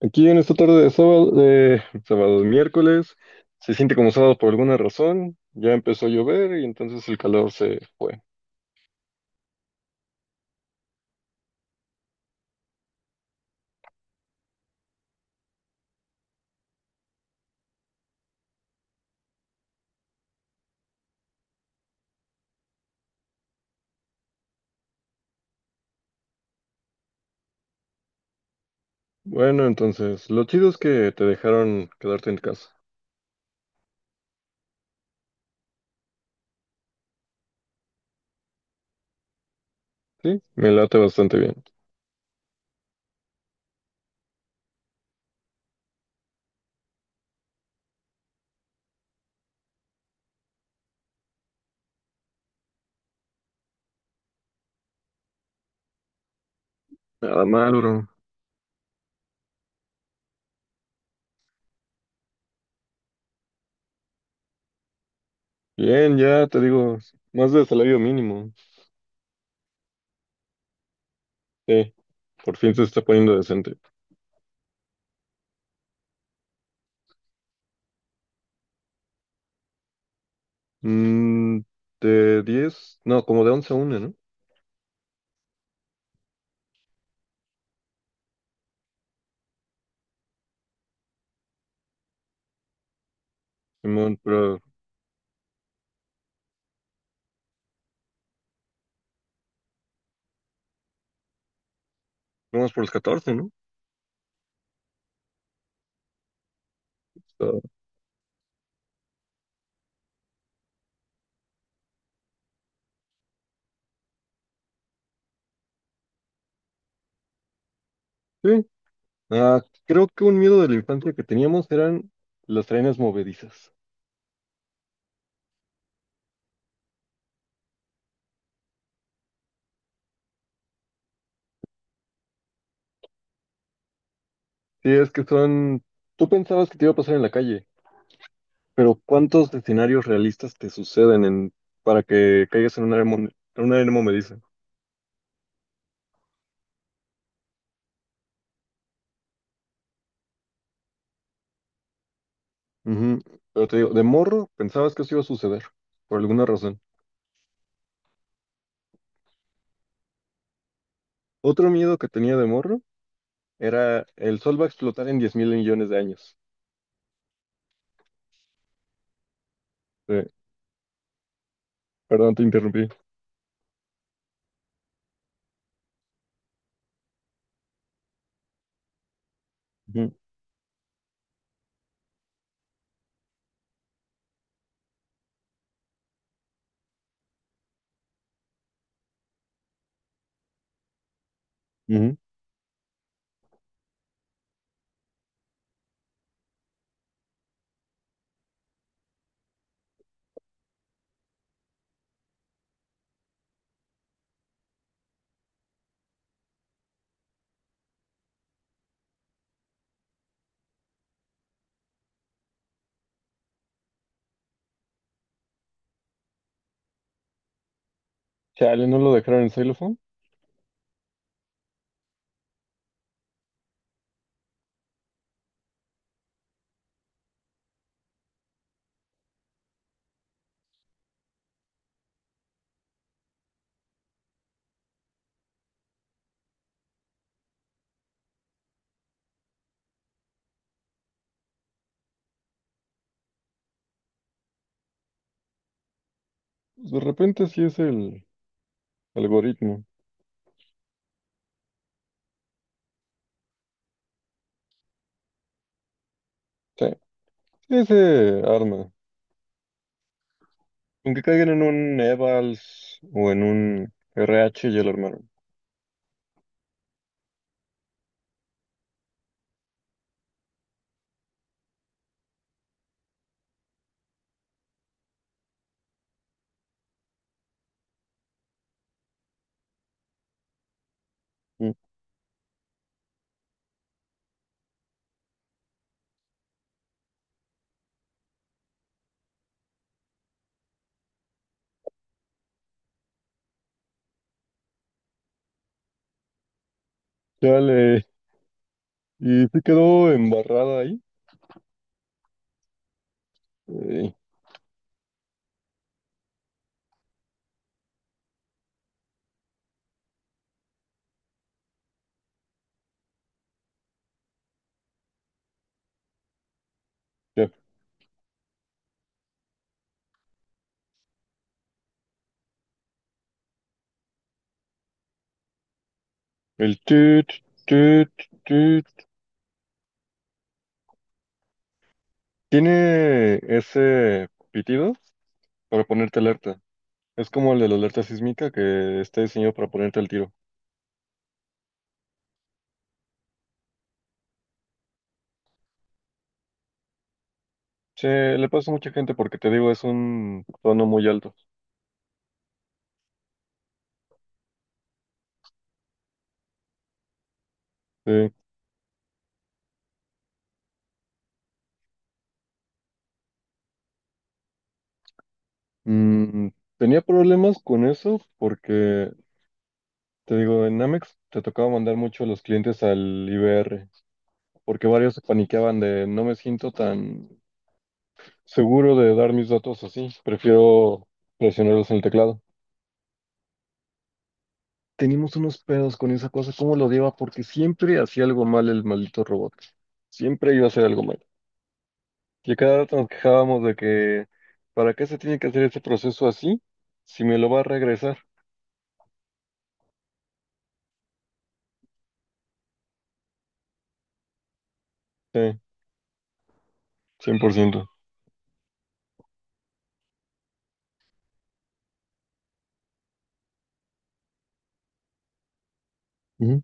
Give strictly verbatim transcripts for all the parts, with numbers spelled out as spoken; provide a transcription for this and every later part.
Aquí en esta tarde de sábado, de sábado, miércoles, se siente como sábado por alguna razón. Ya empezó a llover y entonces el calor se fue. Bueno, entonces, lo chido es que te dejaron quedarte en casa. Sí, me late bastante bien. Nada mal, bro. Bien, ya te digo, más de salario mínimo. Sí, por fin se está poniendo decente. Mm, de diez, no, como de once a una, ¿no? Simón, pero vamos por los catorce, ¿no? Está- Sí, ah, creo que un miedo de la infancia que teníamos eran las trenes movedizas. Sí, es que son. Tú pensabas que te iba a pasar en la calle, pero ¿cuántos escenarios realistas te suceden en, para que caigas en una, armo- en una arena movediza? Ujú. Pero te digo, de morro pensabas que eso iba a suceder, por alguna razón. Otro miedo que tenía de morro era el sol va a explotar en diez mil millones de años. Sí, perdón, te interrumpí. Ujú, ujú. Chale, no lo dejaron en Xylophone. Pues, de repente sí es el algoritmo. Sí. Ese arma. Aunque caigan en un Evals o en un R H, ya lo armaron. Mm. Dale. Y se quedó embarrada ahí. Eh, ya. El tut, tut, tut. Tiene ese pitido para ponerte alerta. Es como el de la alerta sísmica que está diseñado para ponerte al tiro. Se le pasa a mucha gente porque te digo, es un tono muy alto. Sí. Mm, tenía problemas con eso porque te digo, en Amex te tocaba mandar mucho a los clientes al I B R, porque varios se paniqueaban de no me siento tan seguro de dar mis datos así, prefiero presionarlos en el teclado. Teníamos unos pedos con esa cosa, cómo lo lleva, porque siempre hacía algo mal el maldito robot. Siempre iba a hacer algo mal. Y a cada rato nos quejábamos de que, ¿para qué se tiene que hacer ese proceso así si me lo va a regresar? Sí, cien por ciento. Ujú,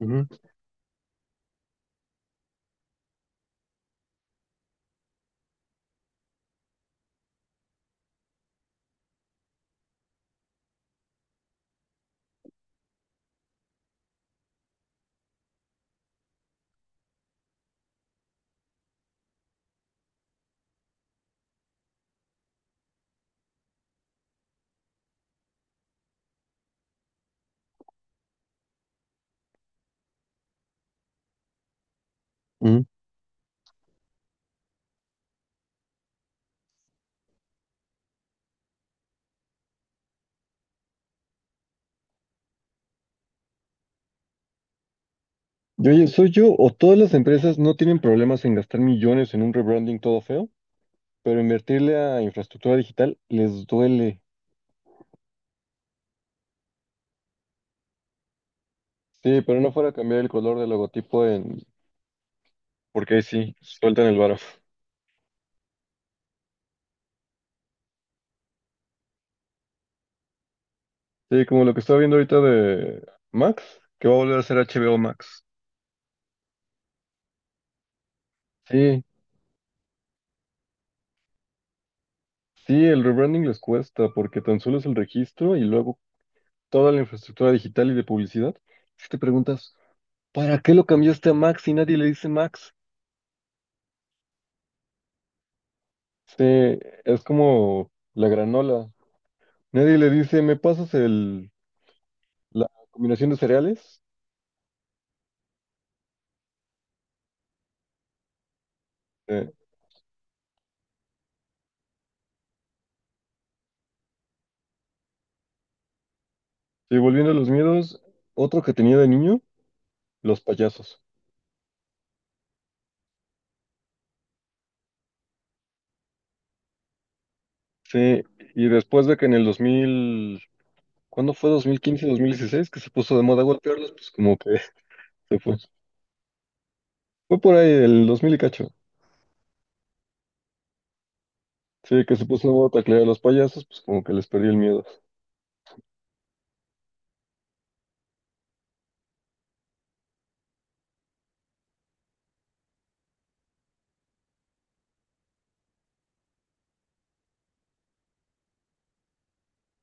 ujú, ujú. Yo, yo- ¿soy yo o todas las empresas no tienen problemas en gastar millones en un rebranding todo feo, pero invertirle a infraestructura digital les duele? Sí, pero no fuera a cambiar el color del logotipo en. Porque ahí sí, sueltan el varo. Sí, como lo que estaba viendo ahorita de Max, que va a volver a ser H B O Max. Sí, sí, el rebranding les cuesta porque tan solo es el registro y luego toda la infraestructura digital y de publicidad. Si te preguntas, ¿para qué lo cambiaste a Max si nadie le dice Max? Sí, es como la granola. Nadie le dice, ¿me pasas el, la combinación de cereales? Eh, y volviendo a los miedos, otro que tenía de niño, los payasos. Sí, y después de que en el dos mil, ¿cuándo fue? ¿dos mil quince, dos mil dieciséis? Que se puso de moda golpearlos, pues como que se fue. Fue por ahí, el dos mil y cacho. Sí, que se puso de moda taclear a los payasos, pues como que les perdí el miedo.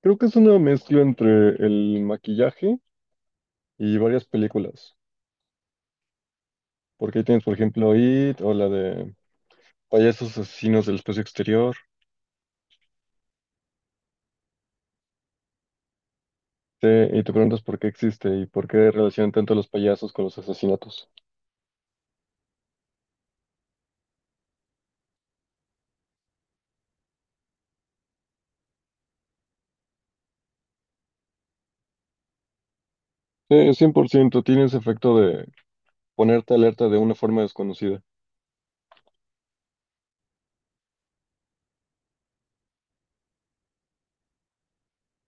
Creo que es una mezcla entre el maquillaje y varias películas. Porque ahí tienes, por ejemplo, IT o la de payasos asesinos del espacio exterior. Sí, y te preguntas por qué existe y por qué relacionan tanto los payasos con los asesinatos. Sí, cien por ciento. Tiene ese efecto de ponerte alerta de una forma desconocida.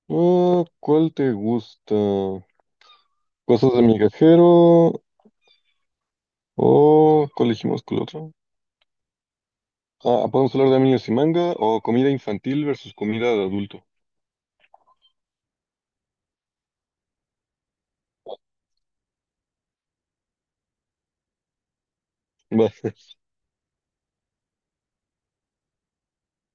Ah, ¿cuál te gusta? ¿Cosas de migajero o cuál elegimos con el otro? Ah, podemos hablar de animes y manga o comida infantil versus comida de adulto. Va.